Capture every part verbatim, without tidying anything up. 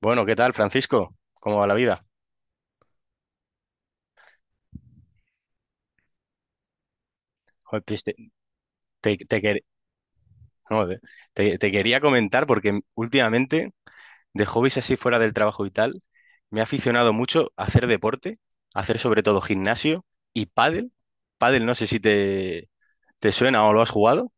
Bueno, ¿qué tal, Francisco? ¿Cómo va la vida? Joder, pues, te, te- te quer- no, eh, te- te quería comentar porque últimamente, de hobbies así fuera del trabajo y tal, me he aficionado mucho a hacer deporte, a hacer sobre todo gimnasio y pádel. Pádel, no sé si te, te suena o lo has jugado.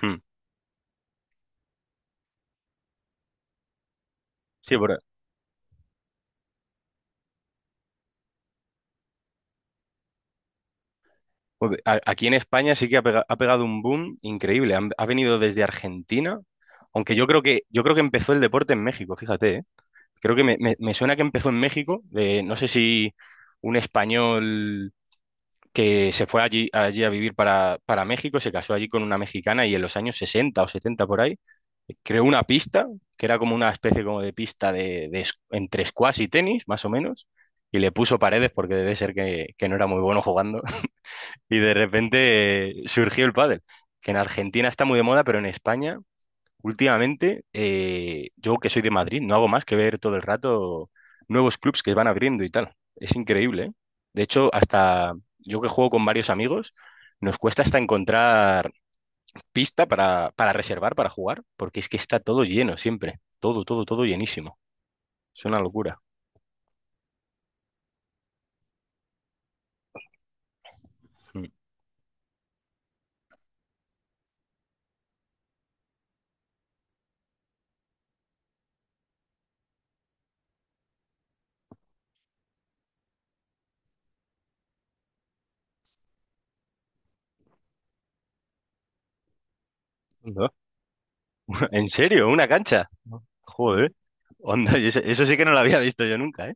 Hmm. Sí, por, joder, a- aquí en España sí que ha, pega- ha pegado un boom increíble. Han- ha venido desde Argentina, aunque yo creo que, yo creo que empezó el deporte en México, fíjate, ¿eh? Creo que me, me- me suena que empezó en México, de, no sé si un español que se fue allí, allí a vivir para, para México, se casó allí con una mexicana y en los años sesenta o setenta por ahí, creó una pista, que era como una especie como de pista de, de es- entre squash y tenis, más o menos, y le puso paredes porque debe ser que, que no era muy bueno jugando. Y de repente eh, surgió el pádel, que en Argentina está muy de moda, pero en España... Últimamente, eh, yo que soy de Madrid, no hago más que ver todo el rato nuevos clubs que van abriendo y tal. Es increíble, ¿eh? De hecho, hasta yo que juego con varios amigos, nos cuesta hasta encontrar pista para, para reservar, para jugar, porque es que está todo lleno siempre. Todo, todo, todo llenísimo. Es una locura. Mm. ¿No? ¿En serio? ¿Una cancha? Joder. Onda, y eso, eso sí que no lo había visto yo nunca, ¿eh?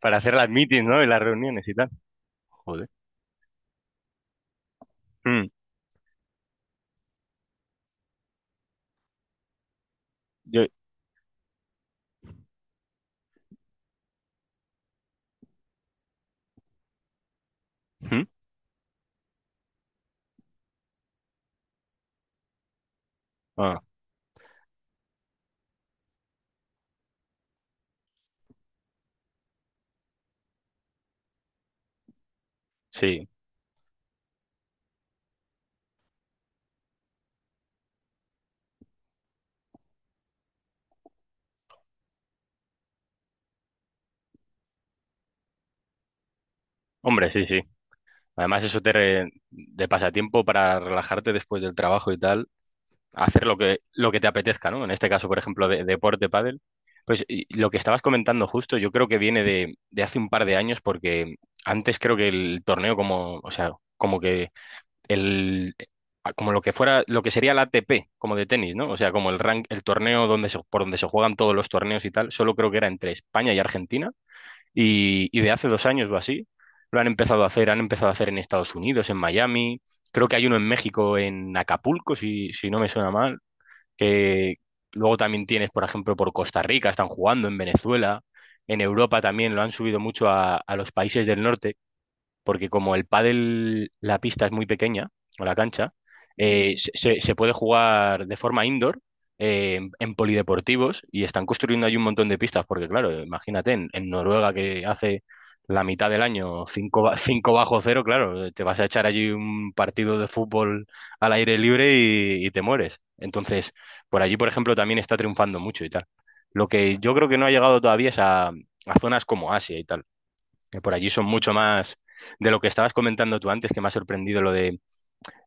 Para hacer las meetings, ¿no? Y las reuniones y tal. Joder. Mm. Yo... ¿Mm? Ah, sí. Hombre, sí, sí. Además, eso te re- de pasatiempo para relajarte después del trabajo y tal, hacer lo que, lo que te apetezca, ¿no? En este caso, por ejemplo, de, deporte, pádel. Pues y lo que estabas comentando justo, yo creo que viene de, de hace un par de años, porque antes creo que el torneo como, o sea, como que el como lo que fuera, lo que sería la A T P, como de tenis, ¿no? O sea, como el rank, el torneo donde se- por donde se juegan todos los torneos y tal, solo creo que era entre España y Argentina y, y de hace dos años o así, lo han empezado a hacer, han empezado a hacer en Estados Unidos, en Miami, creo que hay uno en México, en Acapulco, si, si no me suena mal, que luego también tienes, por ejemplo, por Costa Rica, están jugando en Venezuela, en Europa también lo han subido mucho a, a los países del norte porque como el pádel, la pista es muy pequeña, o la cancha, eh, se, se puede jugar de forma indoor, eh, en, en polideportivos, y están construyendo ahí un montón de pistas, porque claro, imagínate, en, en Noruega que hace la mitad del año cinco ba- cinco bajo cero, claro, te vas a echar allí un partido de fútbol al aire libre y, y te mueres. Entonces, por allí, por ejemplo, también está triunfando mucho y tal. Lo que yo creo que no ha llegado todavía es a a zonas como Asia y tal que por allí son mucho más de lo que estabas comentando tú antes, que me ha sorprendido lo de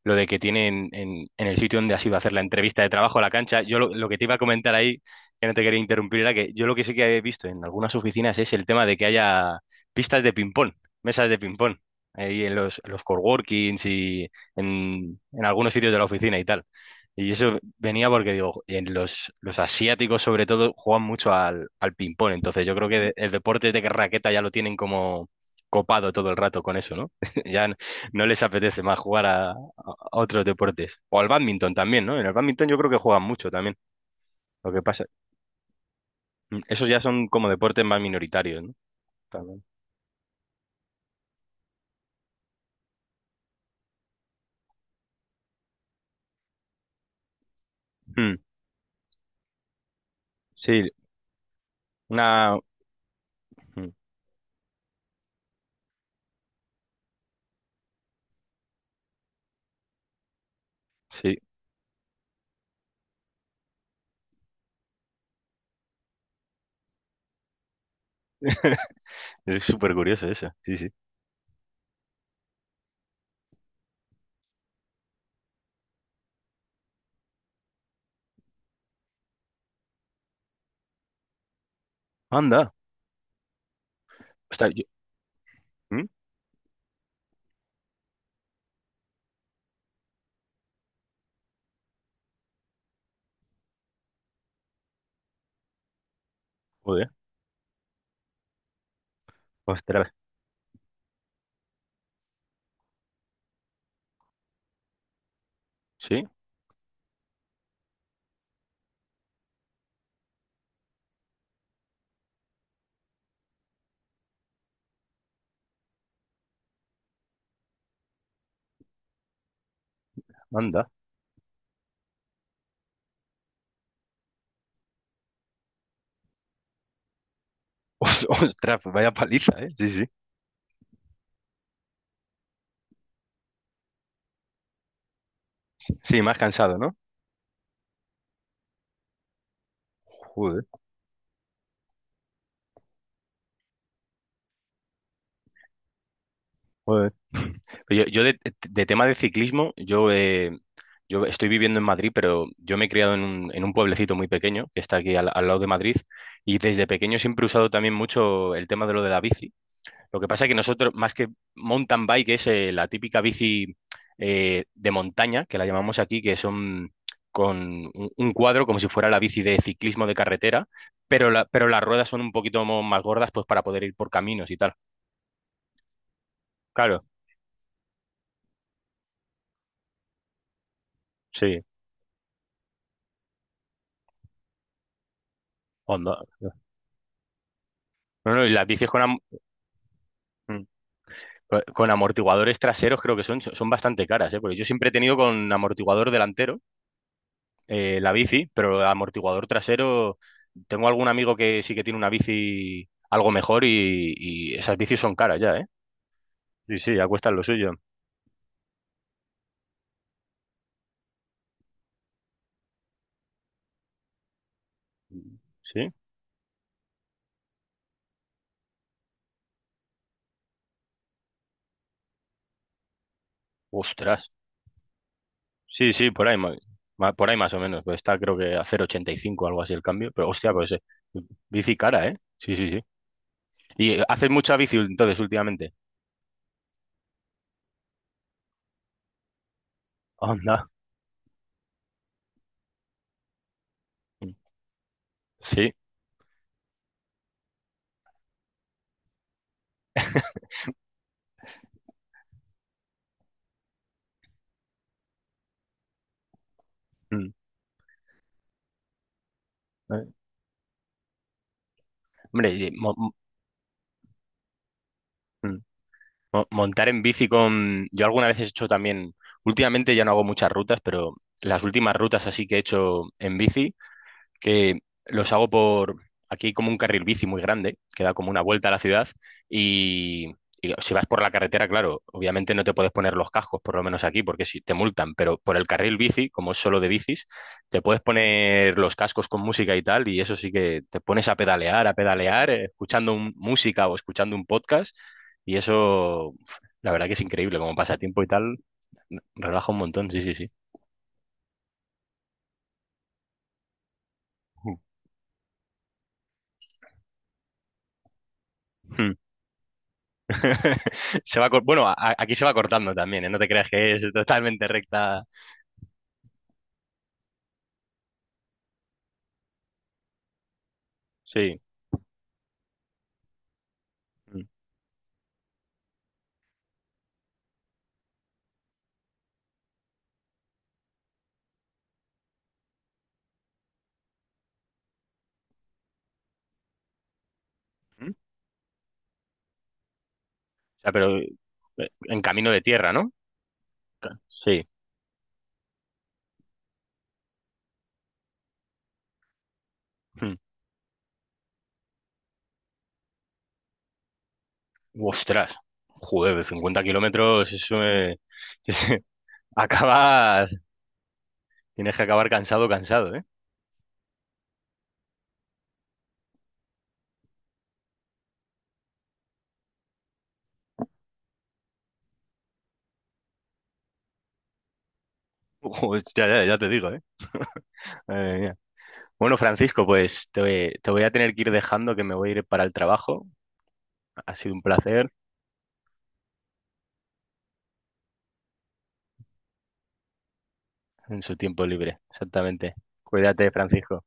lo de que tienen en, en el sitio donde has ido a hacer la entrevista de trabajo a la cancha. Yo lo, lo que te iba a comentar ahí, que no te quería interrumpir, era que yo lo que sí que he visto en algunas oficinas es el tema de que haya pistas de ping-pong, mesas de ping-pong, ahí en los, en los coworkings y en, en algunos sitios de la oficina y tal. Y eso venía porque digo, en los, los asiáticos sobre todo juegan mucho al, al ping-pong, entonces yo creo que de- el deporte de raqueta ya lo tienen como copado todo el rato con eso, ¿no? Ya n- no les apetece más jugar a, a otros deportes. O al bádminton también, ¿no? En el bádminton yo creo que juegan mucho también. Lo que pasa, mm, esos ya son como deportes más minoritarios, ¿no? También. Mm, sí, una... mm, sí, es súper curioso eso. Sí, sí. Anda. Ostras, yo- mm, Joder. Ostras. Sí, anda. Ostras, vaya paliza, ¿eh? Sí, sí. Sí, más cansado, ¿no? Joder. Joder. Pero Yo, yo de, de tema de ciclismo, yo, eh, yo estoy viviendo en Madrid, pero yo me he criado en un, en un pueblecito muy pequeño que está aquí al, al lado de Madrid y desde pequeño siempre he usado también mucho el tema de lo de la bici. Lo que pasa es que nosotros, más que mountain bike, es eh, la típica bici eh, de montaña, que la llamamos aquí, que son con un, un cuadro como si fuera la bici de ciclismo de carretera, pero, la- pero las ruedas son un poquito mo- más gordas pues para poder ir por caminos y tal. Claro, sí. Onda. No, no, y las bicis con, am- mm, co- con amortiguadores traseros creo que son, son bastante caras, ¿eh? Porque yo siempre he tenido con amortiguador delantero eh, la bici, pero amortiguador trasero, tengo algún amigo que sí que tiene una bici algo mejor y, y esas bicis son caras ya, ¿eh? Sí, sí, ya cuestan lo suyo. ¿Sí? Ostras. Sí, sí, por ahí, ma- ma- por ahí más o menos. Pues está creo que a cero coma ochenta y cinco algo así el cambio, pero hostia, pues eh, bici cara, ¿eh? Sí, sí, sí. ¿Y eh, haces mucha bici entonces últimamente? Anda. Sí. Eh, Hombre, y mo- mo- mm, mo- montar en bici con... Yo alguna vez he hecho también, últimamente ya no hago muchas rutas, pero las últimas rutas así que he hecho en bici, que los hago por aquí como un carril bici muy grande, que da como una vuelta a la ciudad y, y si vas por la carretera, claro, obviamente no te puedes poner los cascos, por lo menos aquí, porque si te multan, pero por el carril bici, como es solo de bicis, te puedes poner los cascos con música y tal, y eso sí que te pones a pedalear, a pedalear, eh, escuchando un- música o escuchando un podcast, y eso, uf, la verdad que es increíble, como pasatiempo y tal, relaja un montón, sí, sí, sí. Se va, cor- bueno, a- aquí se va cortando también, ¿eh? No te creas que es totalmente recta. Sí. Mm. ¿Mm? O sea, pero eh, en camino de tierra, ¿no? Sí. Mm. Ostras. Joder, cincuenta kilómetros, eso eh, acabas, tienes que acabar cansado, cansado, ¿eh? Hostia, ya, ya te digo, ¿eh? Madre mía. Bueno, Francisco, pues te, te voy a tener que ir dejando, que me voy a ir para el trabajo. Ha sido un placer en su tiempo libre, exactamente. Cuídate, Francisco.